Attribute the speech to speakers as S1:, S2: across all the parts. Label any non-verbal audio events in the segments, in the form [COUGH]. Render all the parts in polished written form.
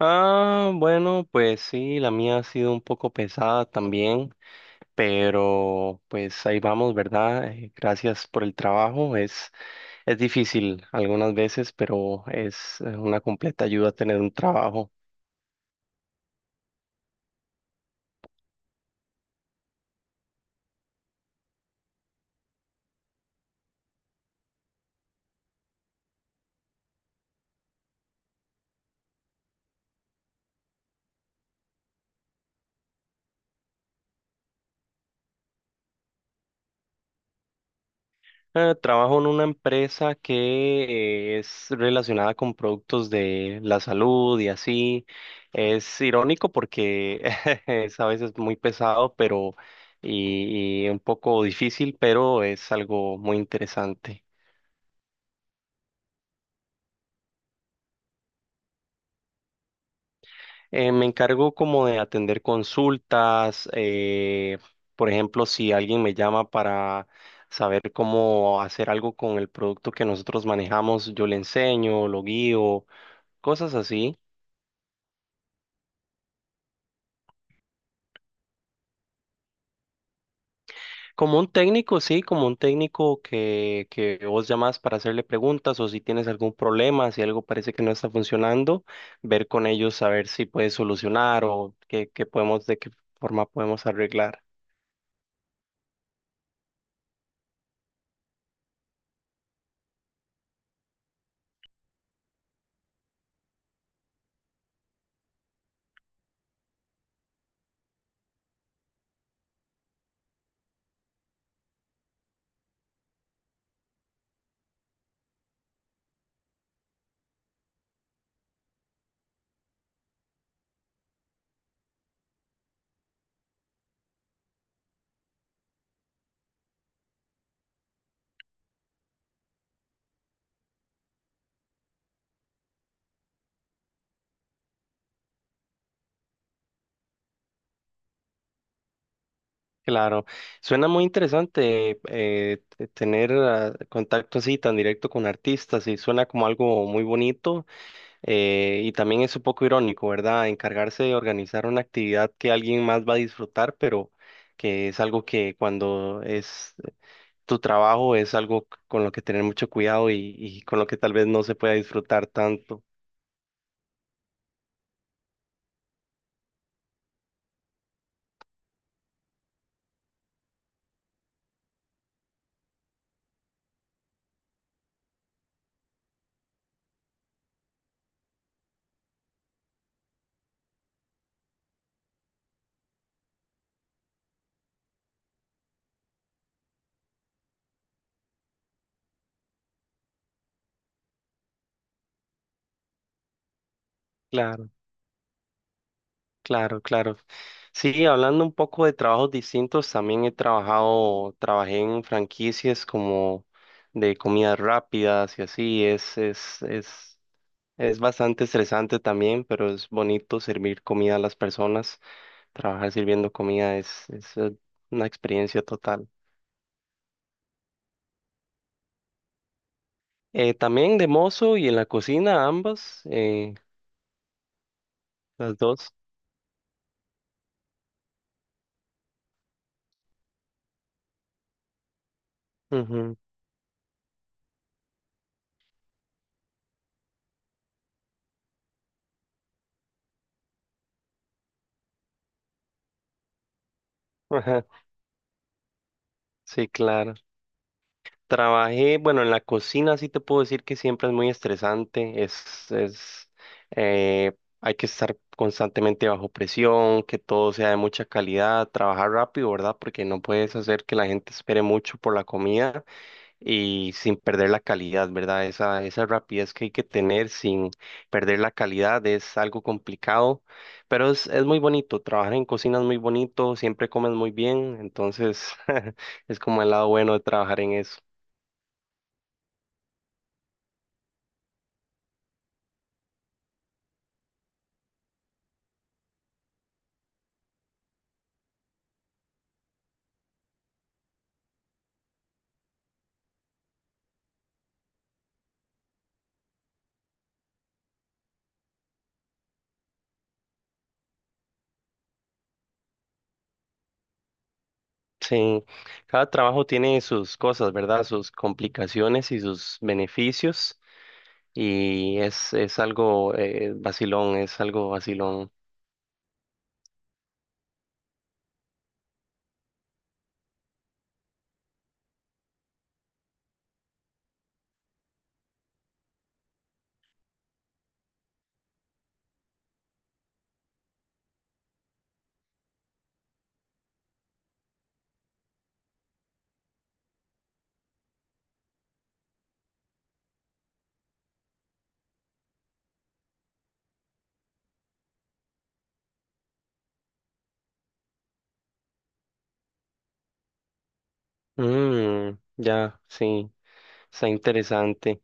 S1: Ah, bueno, pues sí, la mía ha sido un poco pesada también, pero pues ahí vamos, ¿verdad? Gracias por el trabajo. Es difícil algunas veces, pero es una completa ayuda tener un trabajo. Trabajo en una empresa que es relacionada con productos de la salud y así. Es irónico porque [LAUGHS] es a veces muy pesado, pero y un poco difícil, pero es algo muy interesante. Me encargo como de atender consultas, por ejemplo, si alguien me llama para saber cómo hacer algo con el producto que nosotros manejamos, yo le enseño, lo guío, cosas así. Como un técnico, sí, como un técnico que vos llamás para hacerle preguntas o si tienes algún problema, si algo parece que no está funcionando, ver con ellos a ver si puedes solucionar o de qué forma podemos arreglar. Claro, suena muy interesante tener contacto así tan directo con artistas y suena como algo muy bonito. Y también es un poco irónico, ¿verdad? Encargarse de organizar una actividad que alguien más va a disfrutar, pero que es algo que cuando es tu trabajo es algo con lo que tener mucho cuidado y con lo que tal vez no se pueda disfrutar tanto. Claro, claro, claro. Sí, hablando un poco de trabajos distintos, también trabajé en franquicias como de comidas rápidas y así, es. Es bastante estresante también, pero es bonito servir comida a las personas. Trabajar sirviendo comida es una experiencia total. También de mozo y en la cocina, ambas, las dos. Ujú, [LAUGHS] ajá. Sí, claro. Trabajé, bueno, en la cocina sí te puedo decir que siempre es muy estresante. Eh, Hay que estar constantemente bajo presión, que todo sea de mucha calidad, trabajar rápido, ¿verdad? Porque no puedes hacer que la gente espere mucho por la comida y sin perder la calidad, ¿verdad? Esa rapidez que hay que tener sin perder la calidad es algo complicado, pero es muy bonito, trabajar en cocina es muy bonito, siempre comes muy bien, entonces [LAUGHS] es como el lado bueno de trabajar en eso. Sí, cada trabajo tiene sus cosas, ¿verdad? Sus complicaciones y sus beneficios. Es algo vacilón, es algo vacilón. Mm, ya, sí, está interesante.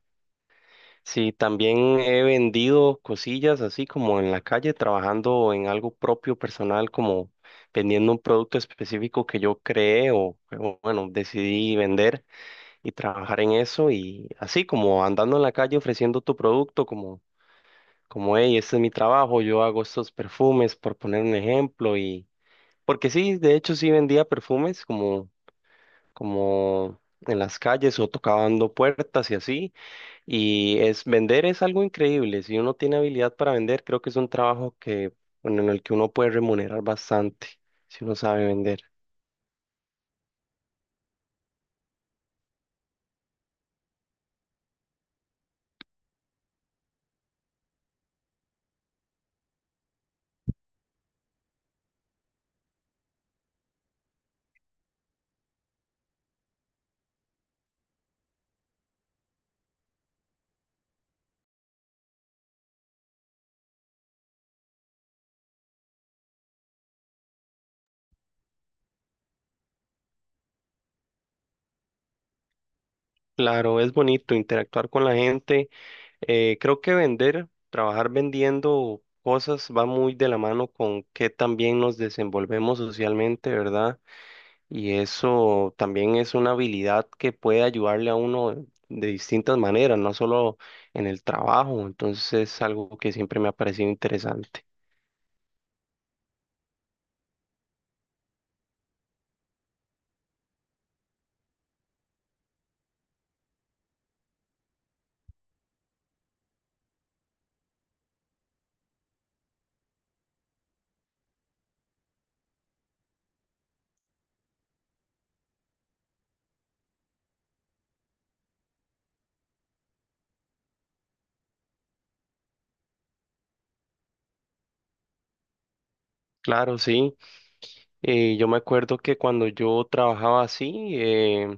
S1: Sí, también he vendido cosillas así como en la calle, trabajando en algo propio personal, como vendiendo un producto específico que yo creé bueno, decidí vender y trabajar en eso y así como andando en la calle ofreciendo tu producto hey, este es mi trabajo, yo hago estos perfumes, por poner un ejemplo y porque sí, de hecho sí vendía perfumes como en las calles o tocando puertas y así. Y es vender es algo increíble. Si uno tiene habilidad para vender, creo que es un trabajo que, bueno, en el que uno puede remunerar bastante si uno sabe vender. Claro, es bonito interactuar con la gente. Creo que vender, trabajar vendiendo cosas va muy de la mano con que también nos desenvolvemos socialmente, ¿verdad? Y eso también es una habilidad que puede ayudarle a uno de distintas maneras, no solo en el trabajo. Entonces es algo que siempre me ha parecido interesante. Claro, sí. Yo me acuerdo que cuando yo trabajaba así,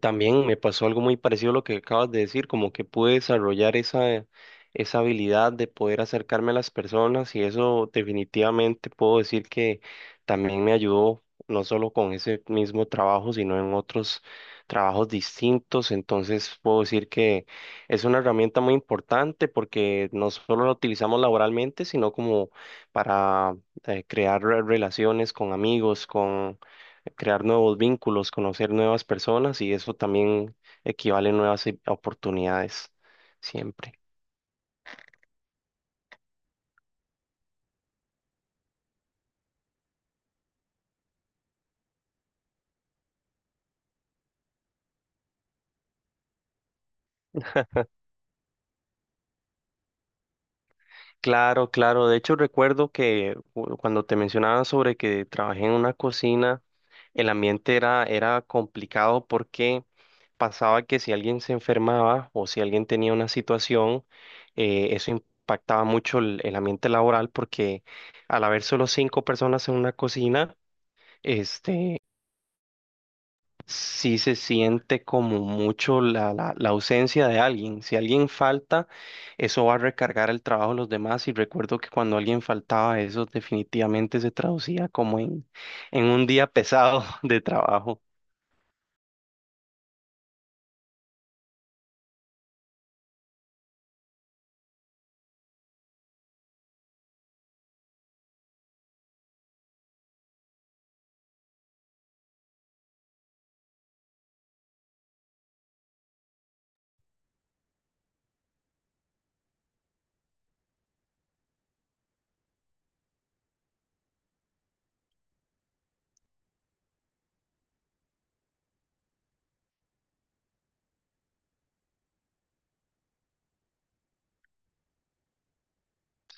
S1: también me pasó algo muy parecido a lo que acabas de decir, como que pude desarrollar esa habilidad de poder acercarme a las personas y eso definitivamente puedo decir que también me ayudó, no solo con ese mismo trabajo, sino en otros trabajos distintos. Entonces puedo decir que es una herramienta muy importante porque no solo la utilizamos laboralmente, sino como para crear relaciones con amigos, con crear nuevos vínculos, conocer nuevas personas y eso también equivale a nuevas oportunidades siempre. Claro, claro. De hecho, recuerdo que cuando te mencionaba sobre que trabajé en una cocina, el ambiente era complicado porque pasaba que si alguien se enfermaba o si alguien tenía una situación, eso impactaba mucho el ambiente laboral porque al haber solo cinco personas en una cocina, este sí se siente como mucho la ausencia de alguien. Si alguien falta, eso va a recargar el trabajo de los demás. Y recuerdo que cuando alguien faltaba, eso definitivamente se traducía como en un día pesado [LAUGHS] de trabajo.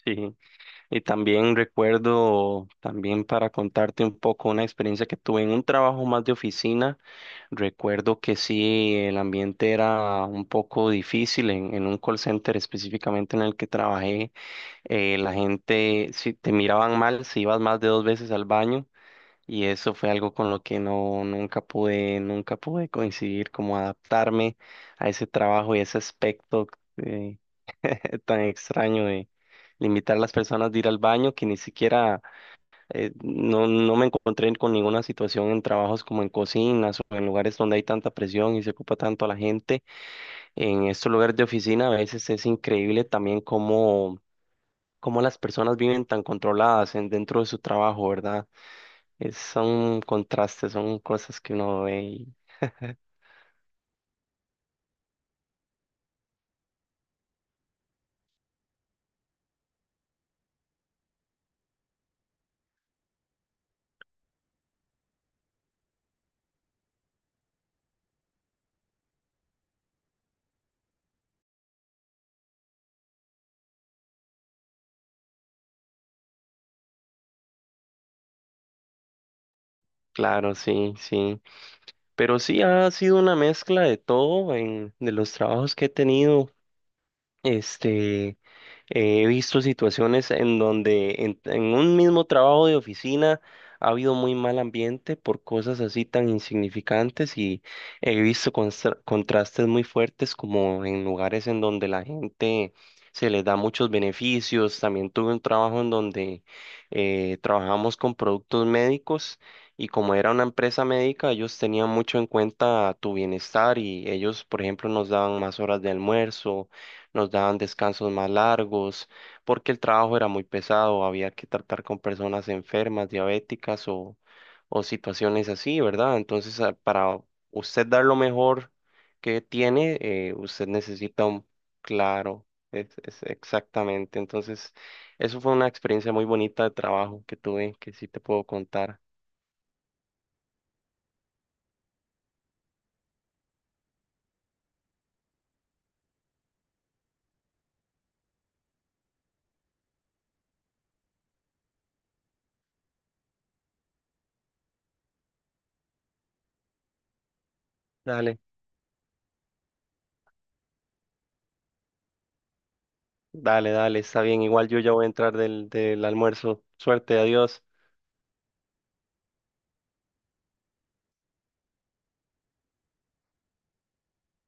S1: Sí, y también recuerdo, también para contarte un poco una experiencia que tuve en un trabajo más de oficina, recuerdo que sí, el ambiente era un poco difícil en un call center específicamente en el que trabajé la gente, si te miraban mal, si ibas más de dos veces al baño, y eso fue algo con lo que no, nunca pude, nunca pude coincidir, como adaptarme a ese trabajo y ese aspecto eh, [LAUGHS] tan extraño de limitar a las personas de ir al baño, que ni siquiera, no, no me encontré con ninguna situación en trabajos como en cocinas o en lugares donde hay tanta presión y se ocupa tanto a la gente. En estos lugares de oficina a veces es increíble también cómo las personas viven tan controladas dentro de su trabajo, ¿verdad? Son contrastes, son cosas que uno ve y [LAUGHS] claro, sí, sí. Pero sí ha sido una mezcla de todo de los trabajos que he tenido. Este, eh, He visto situaciones en donde en un mismo trabajo de oficina ha habido muy mal ambiente por cosas así tan insignificantes y he visto contrastes muy fuertes como en lugares en donde la gente se les da muchos beneficios. También tuve un trabajo en donde trabajamos con productos médicos y como era una empresa médica, ellos tenían mucho en cuenta tu bienestar y ellos, por ejemplo, nos daban más horas de almuerzo, nos daban descansos más largos, porque el trabajo era muy pesado, había que tratar con personas enfermas, diabéticas o situaciones así, ¿verdad? Entonces, ah, para usted dar lo mejor que tiene, usted necesita un claro, es exactamente. Entonces, eso fue una experiencia muy bonita de trabajo que tuve, que sí te puedo contar. Dale, dale, dale, está bien. Igual yo ya voy a entrar del almuerzo. Suerte, adiós.